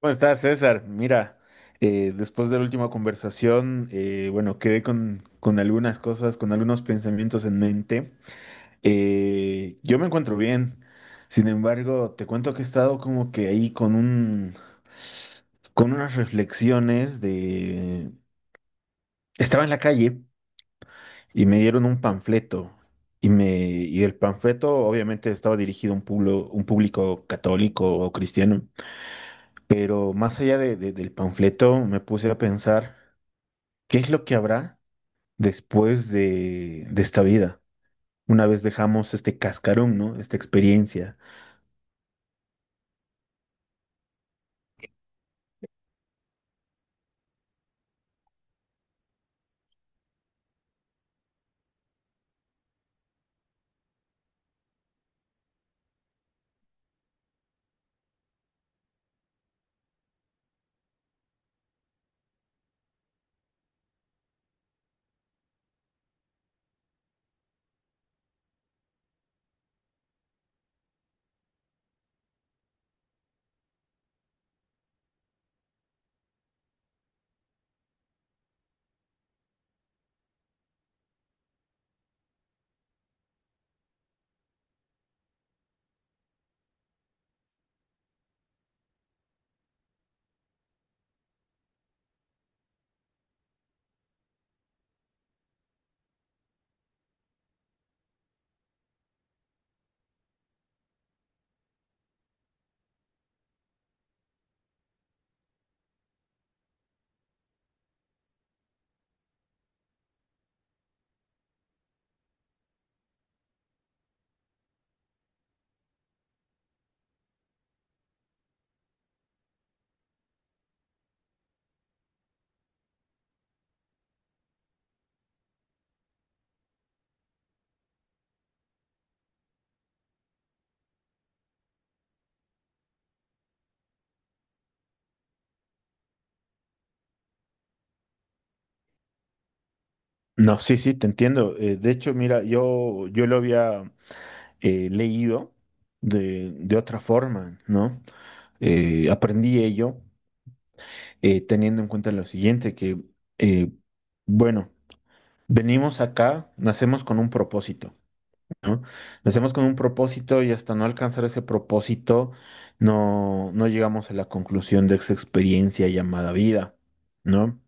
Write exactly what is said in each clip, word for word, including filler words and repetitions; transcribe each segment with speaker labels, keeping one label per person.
Speaker 1: ¿Cómo estás, César? Mira, eh, después de la última conversación, eh, bueno, quedé con, con algunas cosas, con algunos pensamientos en mente. Eh, yo me encuentro bien, sin embargo, te cuento que he estado como que ahí con un, con unas reflexiones. De... Estaba en la calle y me dieron un panfleto y, me, y el panfleto obviamente estaba dirigido a un pueblo, un público católico o cristiano. Pero más allá de- de- del panfleto, me puse a pensar qué es lo que habrá después de, de esta vida, una vez dejamos este cascarón, ¿no? Esta experiencia. No, sí, sí, te entiendo. Eh, de hecho, mira, yo, yo lo había eh, leído de, de otra forma, ¿no? Eh, aprendí ello eh, teniendo en cuenta lo siguiente, que, eh, bueno, venimos acá, nacemos con un propósito. ¿No? Nacemos con un propósito y hasta no alcanzar ese propósito no, no llegamos a la conclusión de esa experiencia llamada vida, ¿no?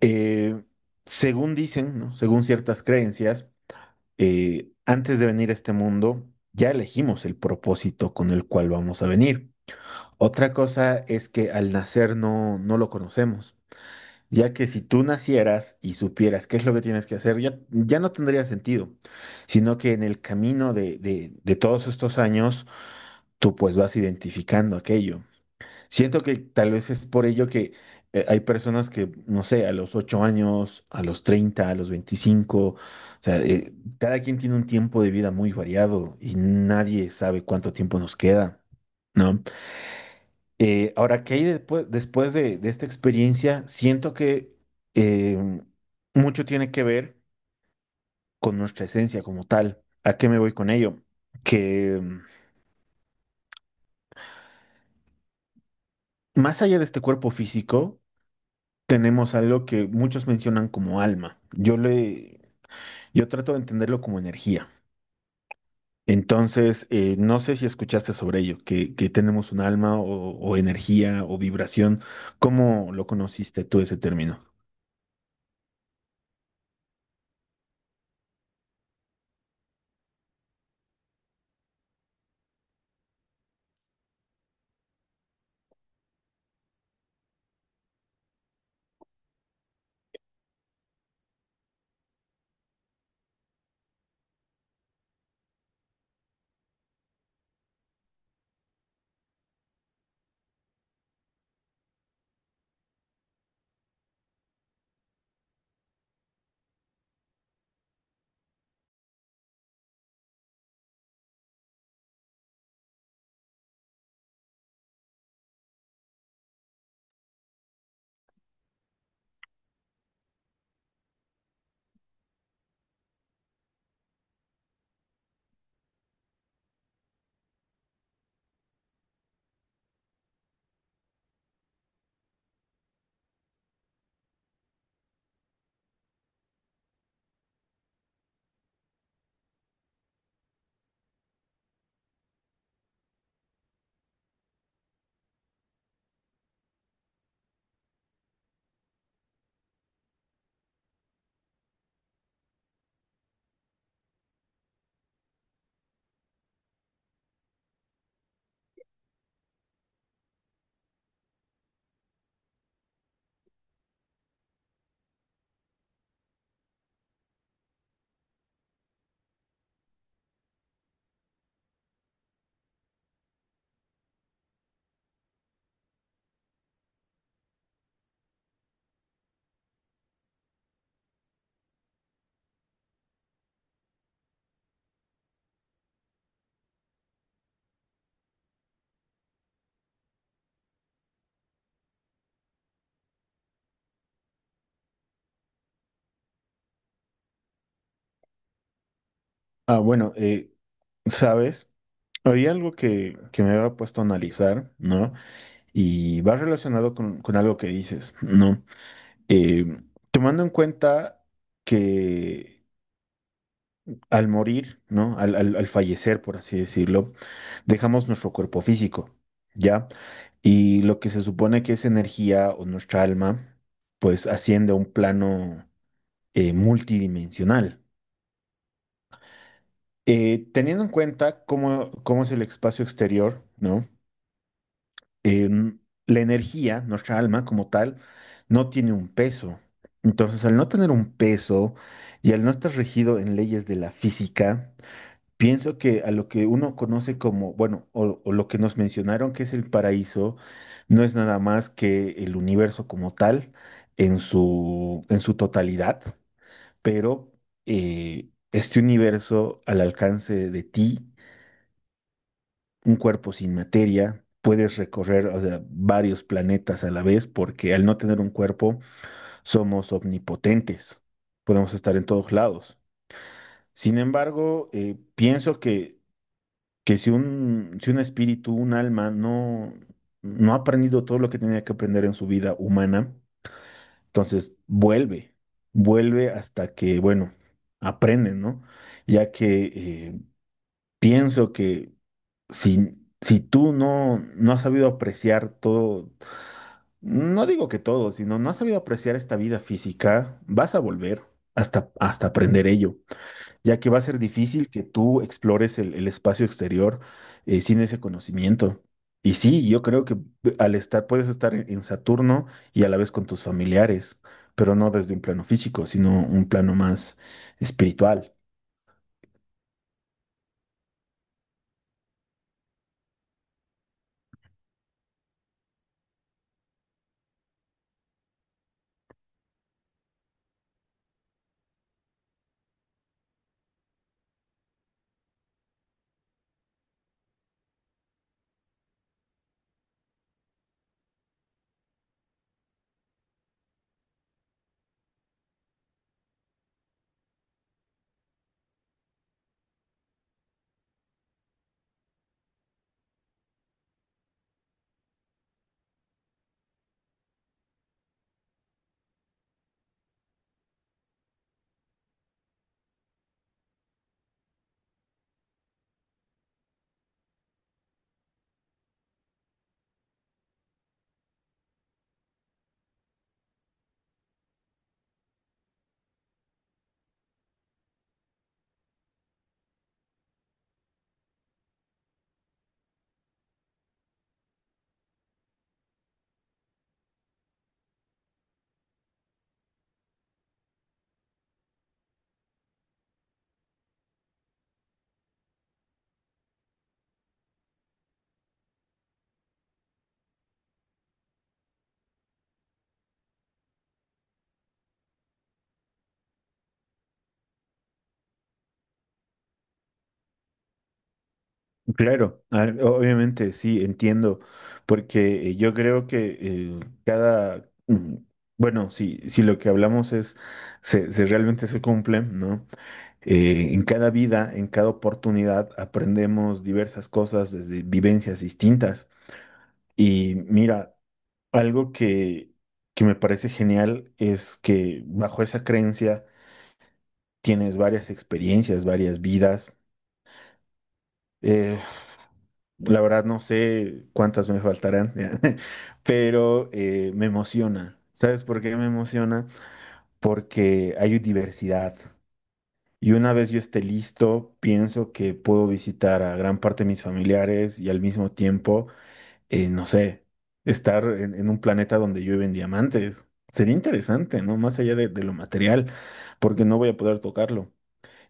Speaker 1: Eh, Según dicen, ¿no? Según ciertas creencias, eh, antes de venir a este mundo ya elegimos el propósito con el cual vamos a venir. Otra cosa es que al nacer no, no lo conocemos. Ya que si tú nacieras y supieras qué es lo que tienes que hacer, ya, ya no tendría sentido, sino que en el camino de, de, de todos estos años, tú pues vas identificando aquello. Siento que tal vez es por ello que eh, hay personas que, no sé, a los ocho años, a los treinta a los veinticinco o sea, eh, cada quien tiene un tiempo de vida muy variado y nadie sabe cuánto tiempo nos queda, ¿no? Eh, ahora, ¿qué hay después, después de, de esta experiencia? Siento que eh, mucho tiene que ver con nuestra esencia como tal. ¿A qué me voy con ello? Que mm, más allá de este cuerpo físico, tenemos algo que muchos mencionan como alma. Yo le, yo trato de entenderlo como energía. Entonces, eh, no sé si escuchaste sobre ello, que, que tenemos un alma o, o energía o vibración. ¿Cómo lo conociste tú ese término? Ah, bueno, eh, ¿sabes? Había algo que, que me había puesto a analizar, ¿no? Y va relacionado con, con algo que dices, ¿no? Eh, Tomando en cuenta que al morir, ¿no? Al, al, al fallecer, por así decirlo, dejamos nuestro cuerpo físico, ¿ya? Y lo que se supone que es energía o nuestra alma, pues asciende a un plano eh, multidimensional. Eh, teniendo en cuenta cómo, cómo es el espacio exterior, ¿no? em, la energía, nuestra alma como tal, no tiene un peso. Entonces, al no tener un peso y al no estar regido en leyes de la física, pienso que a lo que uno conoce como, bueno, o, o lo que nos mencionaron que es el paraíso, no es nada más que el universo como tal en su, en su totalidad, pero eh, este universo al alcance de ti, un cuerpo sin materia, puedes recorrer, o sea, varios planetas a la vez, porque al no tener un cuerpo somos omnipotentes, podemos estar en todos lados. Sin embargo, eh, pienso que, que si un, si un espíritu, un alma, no, no ha aprendido todo lo que tenía que aprender en su vida humana, entonces vuelve, vuelve hasta que, bueno, aprende, ¿no? Ya que eh, pienso que si, si tú no, no has sabido apreciar todo, no digo que todo, sino no has sabido apreciar esta vida física, vas a volver hasta, hasta aprender ello, ya que va a ser difícil que tú explores el, el espacio exterior eh, sin ese conocimiento. Y sí, yo creo que eh, al estar, puedes estar en en Saturno y a la vez con tus familiares, pero no desde un plano físico, sino un plano más espiritual. Claro, ah, obviamente sí, entiendo, porque eh, yo creo que eh, cada, mm, bueno, si, si lo que hablamos es, se, se realmente se cumple, ¿no? Eh, en cada vida, en cada oportunidad, aprendemos diversas cosas desde vivencias distintas. Y mira, algo que, que me parece genial es que bajo esa creencia tienes varias experiencias, varias vidas. Eh, La verdad no sé cuántas me faltarán, pero eh, me emociona. ¿Sabes por qué me emociona? Porque hay diversidad. Y una vez yo esté listo, pienso que puedo visitar a gran parte de mis familiares y al mismo tiempo, eh, no sé, estar en, en un planeta donde llueven diamantes. Sería interesante, ¿no? Más allá de, de lo material, porque no voy a poder tocarlo.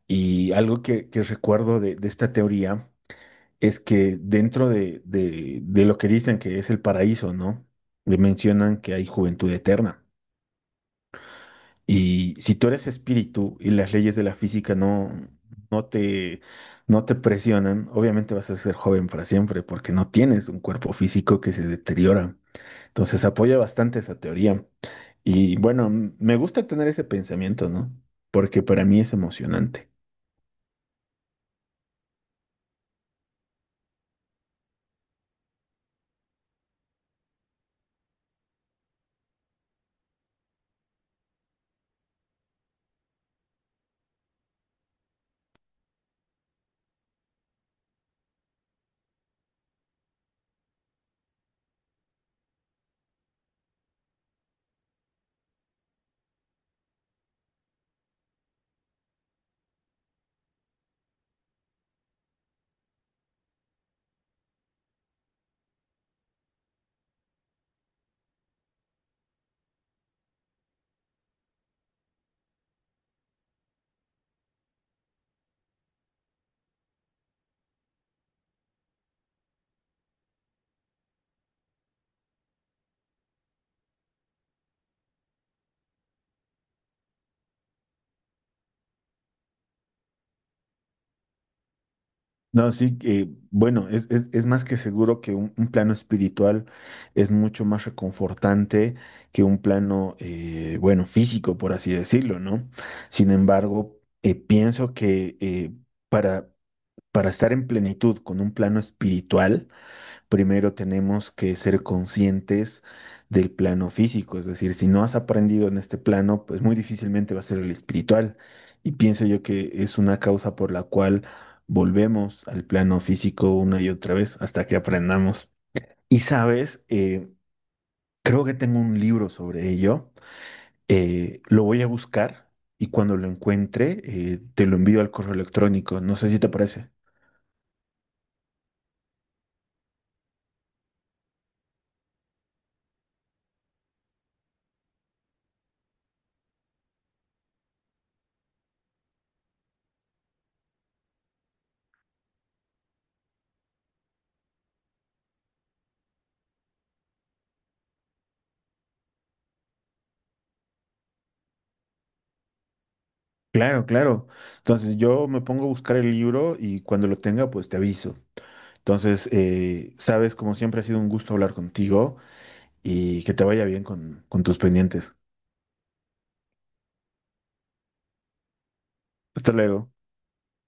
Speaker 1: Y algo que, que recuerdo de de esta teoría es que dentro de, de, de lo que dicen que es el paraíso, ¿no? Le mencionan que hay juventud eterna. Y si tú eres espíritu y las leyes de la física no, no te, no te presionan, obviamente vas a ser joven para siempre porque no tienes un cuerpo físico que se deteriora. Entonces apoya bastante esa teoría. Y bueno, m- me gusta tener ese pensamiento, ¿no? Porque para mí es emocionante. No, sí, eh, bueno, es, es- es más que seguro que un, un plano espiritual es mucho más reconfortante que un plano, eh, bueno, físico, por así decirlo, ¿no? Sin embargo, eh, pienso que eh, para, para estar en plenitud con un plano espiritual, primero tenemos que ser conscientes del plano físico, es decir, si no has aprendido en este plano, pues muy difícilmente va a ser el espiritual. Y pienso yo que es una causa por la cual volvemos al plano físico una y otra vez hasta que aprendamos. Y sabes, eh, creo que tengo un libro sobre ello, eh, lo voy a buscar y cuando lo encuentre, eh, te lo envío al correo electrónico, no sé si te parece. Claro, claro. Entonces yo me pongo a buscar el libro y cuando lo tenga, pues te aviso. Entonces, eh, sabes, como siempre ha sido un gusto hablar contigo y que te vaya bien con, con tus pendientes. Hasta luego.